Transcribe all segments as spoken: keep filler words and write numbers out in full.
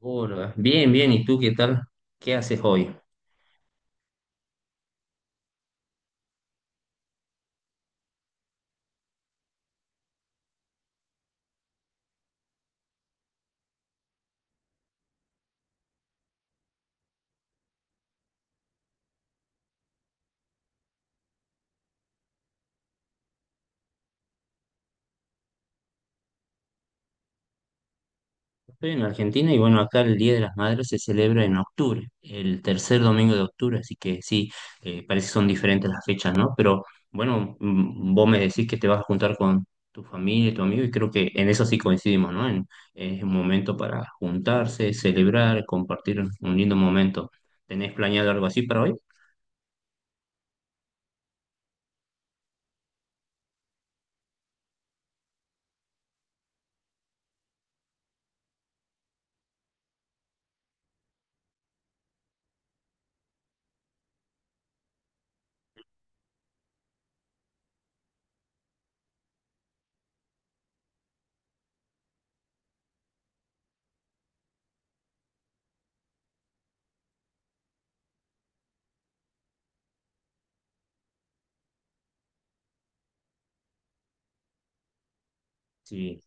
Hola, bien, bien, ¿y tú qué tal? ¿Qué haces hoy? Estoy en Argentina y bueno, acá el Día de las Madres se celebra en octubre, el tercer domingo de octubre, así que sí, eh, parece que son diferentes las fechas, ¿no? Pero bueno, mm, vos me decís que te vas a juntar con tu familia y tu amigo y creo que en eso sí coincidimos, ¿no? En, es un momento para juntarse, celebrar, compartir un lindo momento. ¿Tenés planeado algo así para hoy? Sí,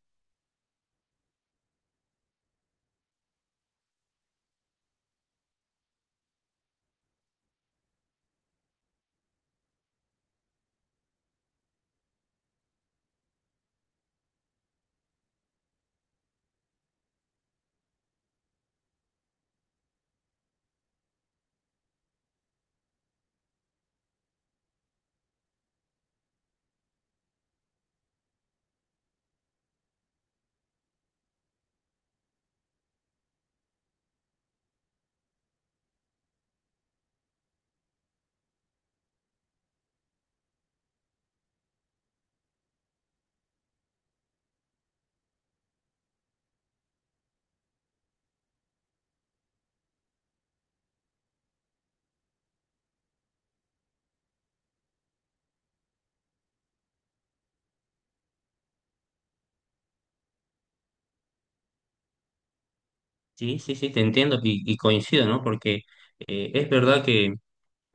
sí, sí, sí, te entiendo y, y coincido, ¿no? Porque eh, es verdad que...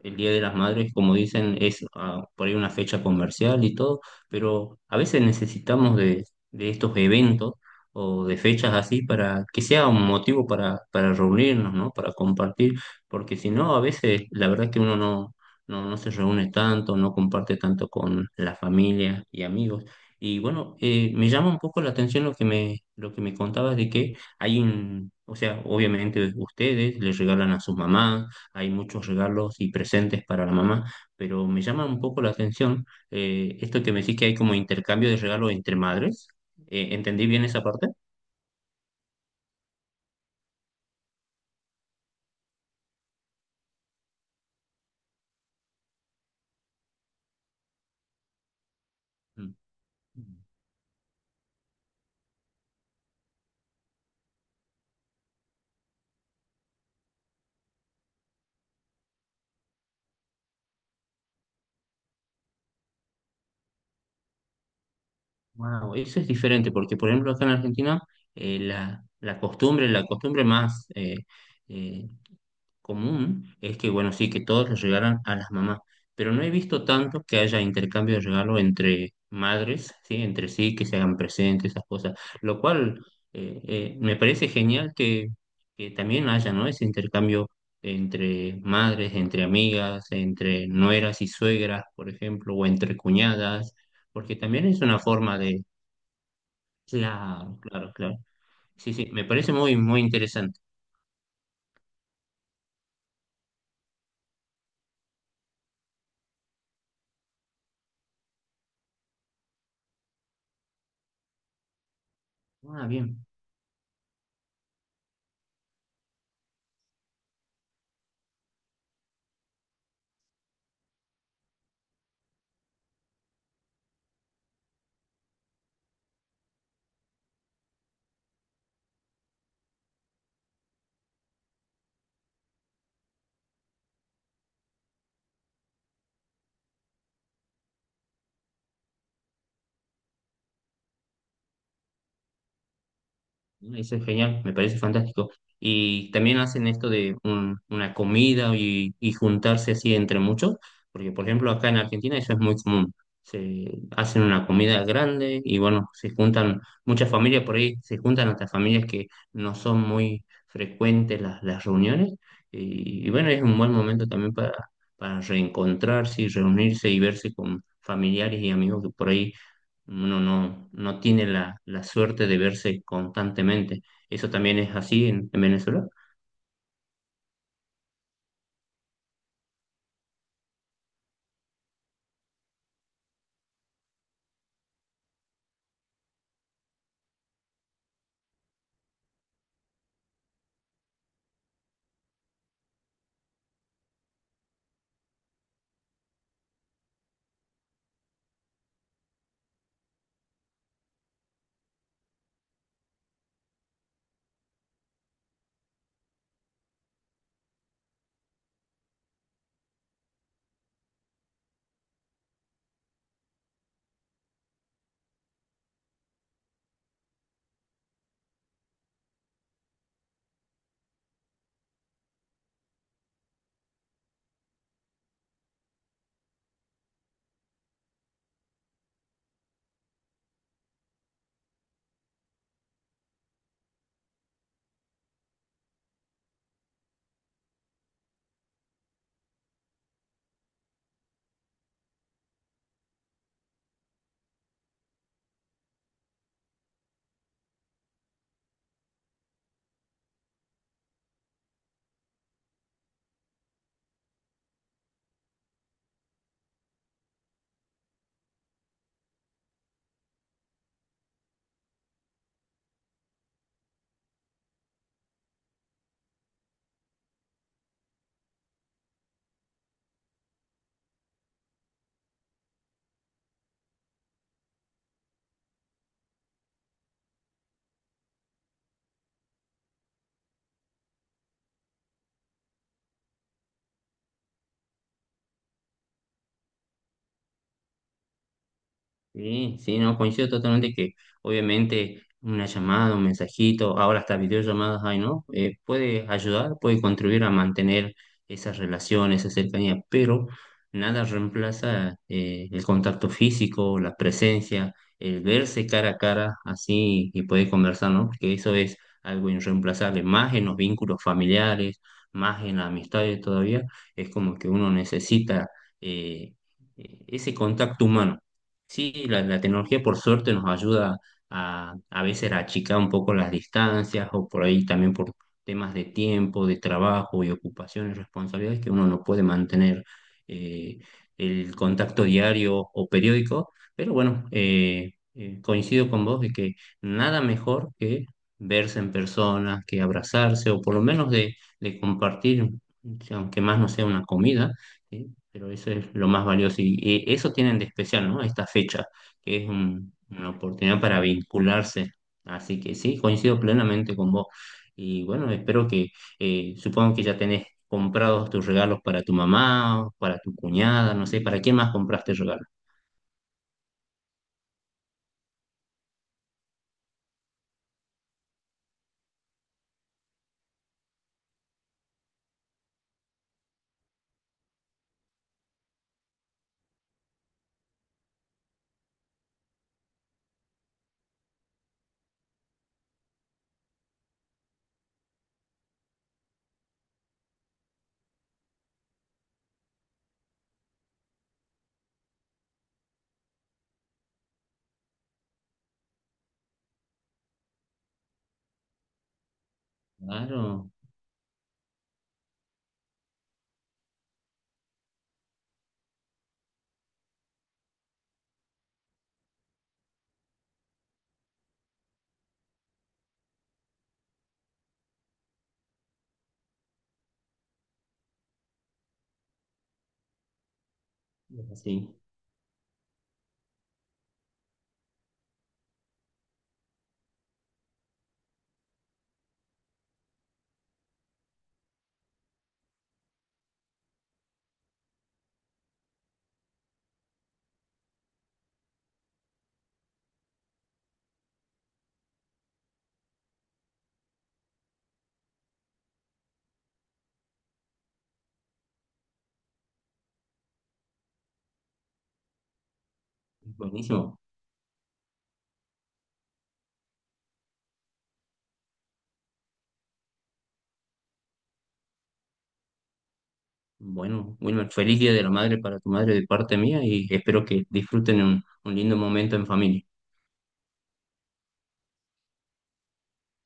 El Día de las Madres, como dicen, es ah, por ahí una fecha comercial y todo, pero a veces necesitamos de, de estos eventos o de fechas así para que sea un motivo para, para reunirnos, ¿no? Para compartir, porque si no, a veces la verdad es que uno no, no, no se reúne tanto, no comparte tanto con la familia y amigos. Y bueno, eh, me llama un poco la atención lo que me, lo que me contabas de que hay un, o sea, obviamente ustedes les regalan a sus mamás, hay muchos regalos y presentes para la mamá, pero me llama un poco la atención eh, esto que me decís que hay como intercambio de regalos entre madres. Eh, ¿entendí bien esa parte? Mm. Wow, eso es diferente porque, por ejemplo, acá en Argentina, eh, la, la costumbre, la costumbre más, eh, eh, común es que, bueno, sí, que todos les regalan a las mamás, pero no he visto tanto que haya intercambio de regalo entre madres, ¿sí? Entre sí, que se hagan presentes, esas cosas, lo cual eh, eh, me parece genial que, que también haya, ¿no? Ese intercambio entre madres, entre amigas, entre nueras y suegras, por ejemplo, o entre cuñadas, porque también es una forma de... Claro, claro, claro. Sí, sí, me parece muy, muy interesante. Ah, bien. ¿No? Eso es genial, me parece fantástico. Y también hacen esto de un- una comida y, y juntarse así entre muchos, porque por ejemplo acá en Argentina eso es muy común. Se hacen una comida grande y bueno, se juntan muchas familias por ahí, se juntan hasta familias que no son muy frecuentes las, las reuniones. Y, y bueno, es un buen momento también para, para reencontrarse y reunirse y verse con familiares y amigos que por ahí uno no, no tiene la, la suerte de verse constantemente. ¿Eso también es así en, en Venezuela? Sí, sí, no, coincido totalmente que obviamente una llamada, un mensajito, ahora hasta videollamadas hay, ¿no? Eh, puede ayudar, puede contribuir a mantener esas relaciones, esa cercanía, pero nada reemplaza eh, el contacto físico, la presencia, el verse cara a cara así y poder conversar, ¿no? Porque eso es algo irreemplazable, más en los vínculos familiares, más en las amistades todavía, es como que uno necesita eh, eh, ese contacto humano. Sí, la, la tecnología por suerte nos ayuda a, a veces a achicar un poco las distancias o por ahí también por temas de tiempo, de trabajo y ocupaciones, responsabilidades que uno no puede mantener eh, el contacto diario o periódico. Pero bueno, eh, eh, coincido con vos de que nada mejor que verse en persona, que abrazarse o por lo menos de, de compartir, aunque más no sea una comida. ¿Sí? Pero eso es lo más valioso y, eh, eso tienen de especial, ¿no? Esta fecha, que es un- una oportunidad para vincularse. Así que sí, coincido plenamente con vos. Y bueno, espero que, eh, supongo que ya tenés comprados tus regalos para tu mamá, o para tu cuñada, no sé, ¿para quién más compraste regalos? Claro, sí, buenísimo. Bueno, Wilmer, feliz Día de la Madre para tu madre de parte mía y espero que disfruten un un lindo momento en familia.